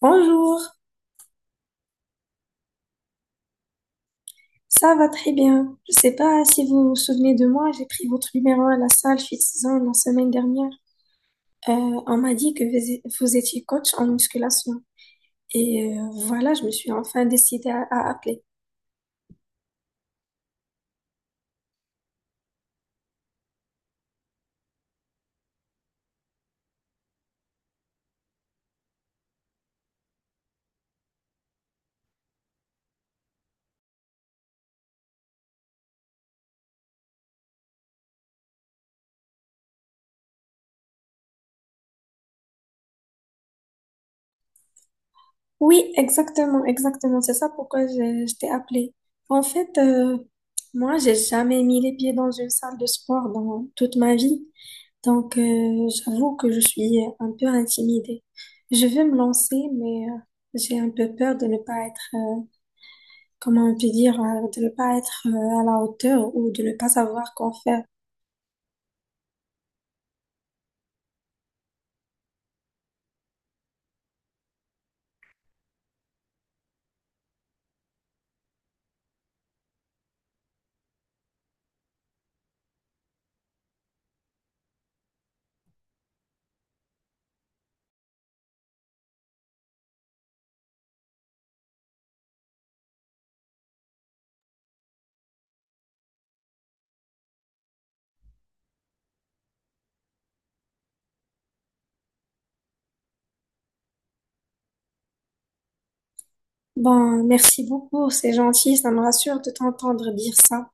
Bonjour, ça va très bien. Je sais pas si vous vous souvenez de moi, j'ai pris votre numéro à la salle Fit-Zone la semaine dernière. On m'a dit que vous vous étiez coach en musculation. Voilà, je me suis enfin décidée à appeler. Oui, exactement, exactement. C'est ça pourquoi je t'ai appelée. En fait, moi, j'ai jamais mis les pieds dans une salle de sport dans toute ma vie. Donc, j'avoue que je suis un peu intimidée. Je veux me lancer, mais j'ai un peu peur de ne pas être, comment on peut dire, de ne pas être à la hauteur ou de ne pas savoir quoi faire. Bon, merci beaucoup, c'est gentil, ça me rassure de t'entendre dire ça.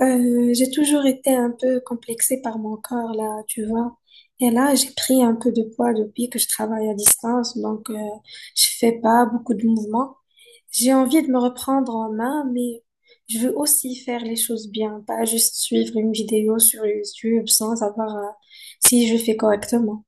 J'ai toujours été un peu complexée par mon corps, là, tu vois. Et là, j'ai pris un peu de poids depuis que je travaille à distance, donc je fais pas beaucoup de mouvements. J'ai envie de me reprendre en main, mais je veux aussi faire les choses bien, pas juste suivre une vidéo sur YouTube sans savoir si je fais correctement.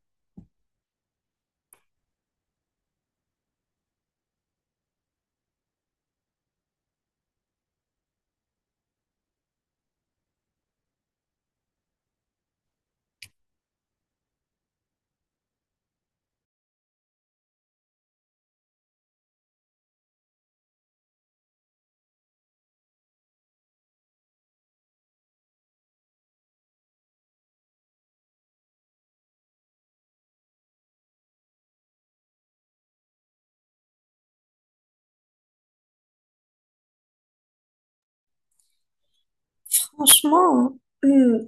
Franchement, hum,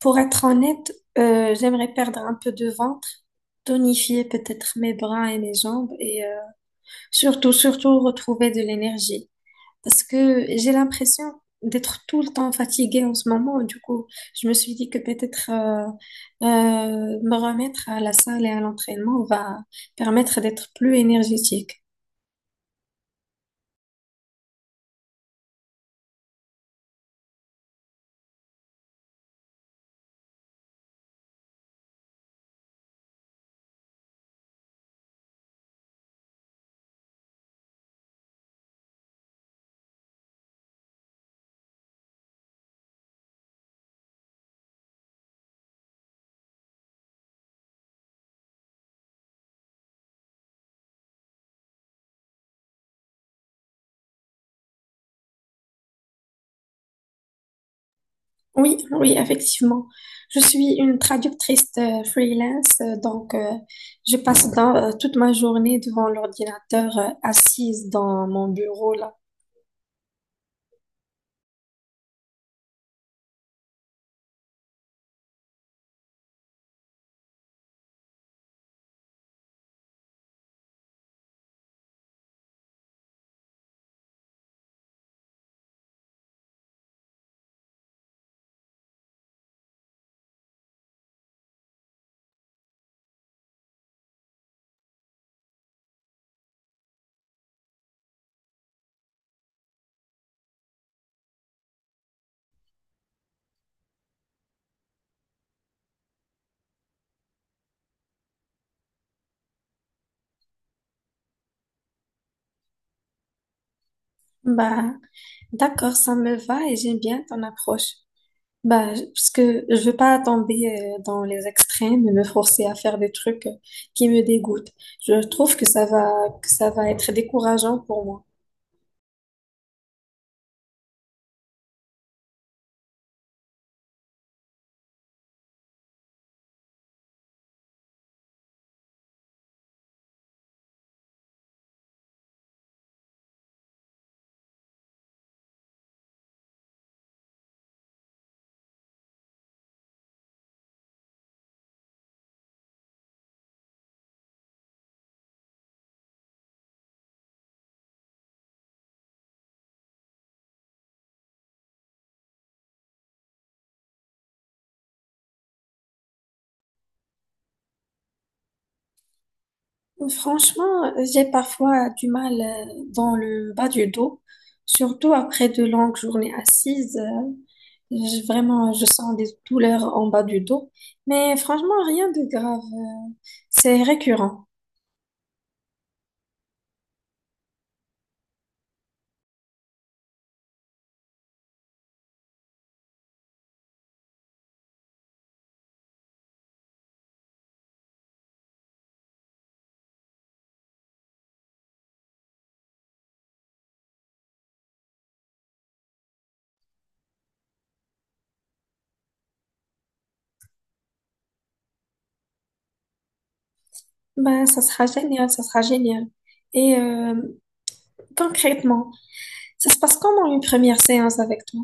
pour être honnête, j'aimerais perdre un peu de ventre, tonifier peut-être mes bras et mes jambes et surtout, surtout retrouver de l'énergie. Parce que j'ai l'impression d'être tout le temps fatiguée en ce moment. Du coup, je me suis dit que peut-être me remettre à la salle et à l'entraînement va permettre d'être plus énergétique. Oui, oui, effectivement. Je suis une traductrice freelance, donc je passe toute ma journée devant l'ordinateur, assise dans mon bureau là. Bah, d'accord, ça me va et j'aime bien ton approche. Bah, parce que je veux pas tomber dans les extrêmes et me forcer à faire des trucs qui me dégoûtent. Je trouve que que ça va être décourageant pour moi. Franchement, j'ai parfois du mal dans le bas du dos, surtout après de longues journées assises. J'ai Vraiment, je sens des douleurs en bas du dos, mais franchement, rien de grave. C'est récurrent. Ben, ça sera génial, ça sera génial. Et euh, Concrètement, ça se passe comment une première séance avec toi?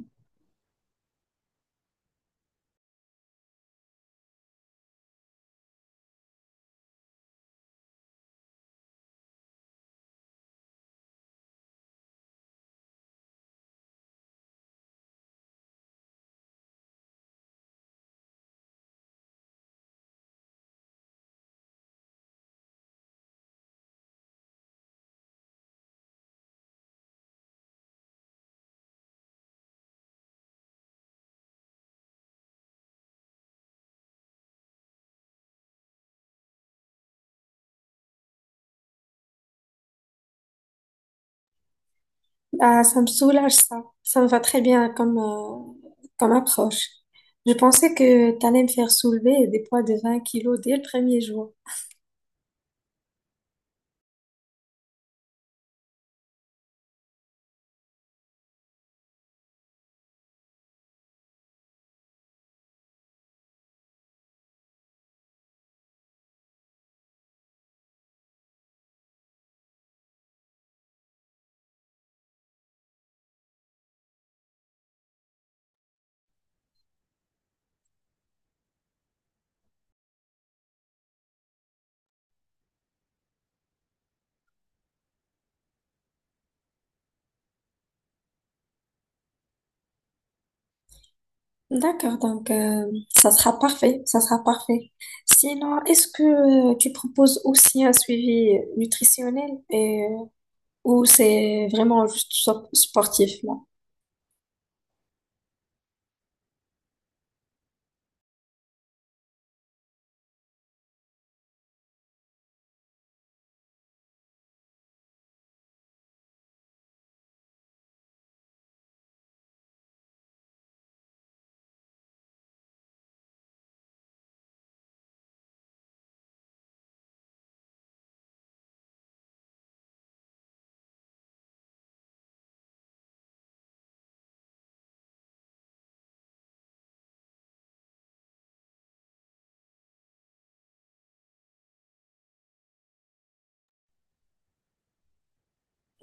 Bah, ça me soulage, ça. Ça me va très bien comme, comme approche. Je pensais que tu allais me faire soulever des poids de 20 kilos dès le premier jour. D'accord, ça sera parfait, ça sera parfait. Sinon, est-ce que tu proposes aussi un suivi nutritionnel et ou c'est vraiment juste sportif, là?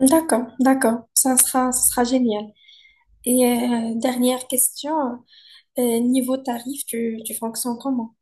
D'accord, d'accord, ça sera génial. Dernière question, niveau tarif, tu fonctionnes comment?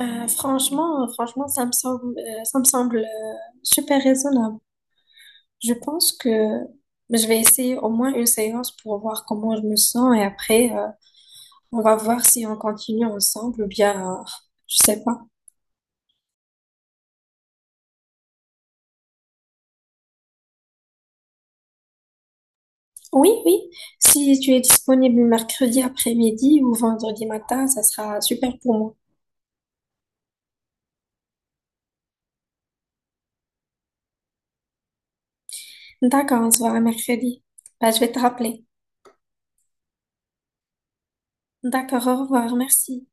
Franchement, franchement, ça me semble super raisonnable. Je pense que je vais essayer au moins une séance pour voir comment je me sens et après, on va voir si on continue ensemble ou bien, je sais pas. Oui, oui. Si tu es disponible mercredi après-midi ou vendredi matin, ça sera super pour moi. D'accord, on se voit mercredi. Bah, je vais te rappeler. D'accord, au revoir, merci.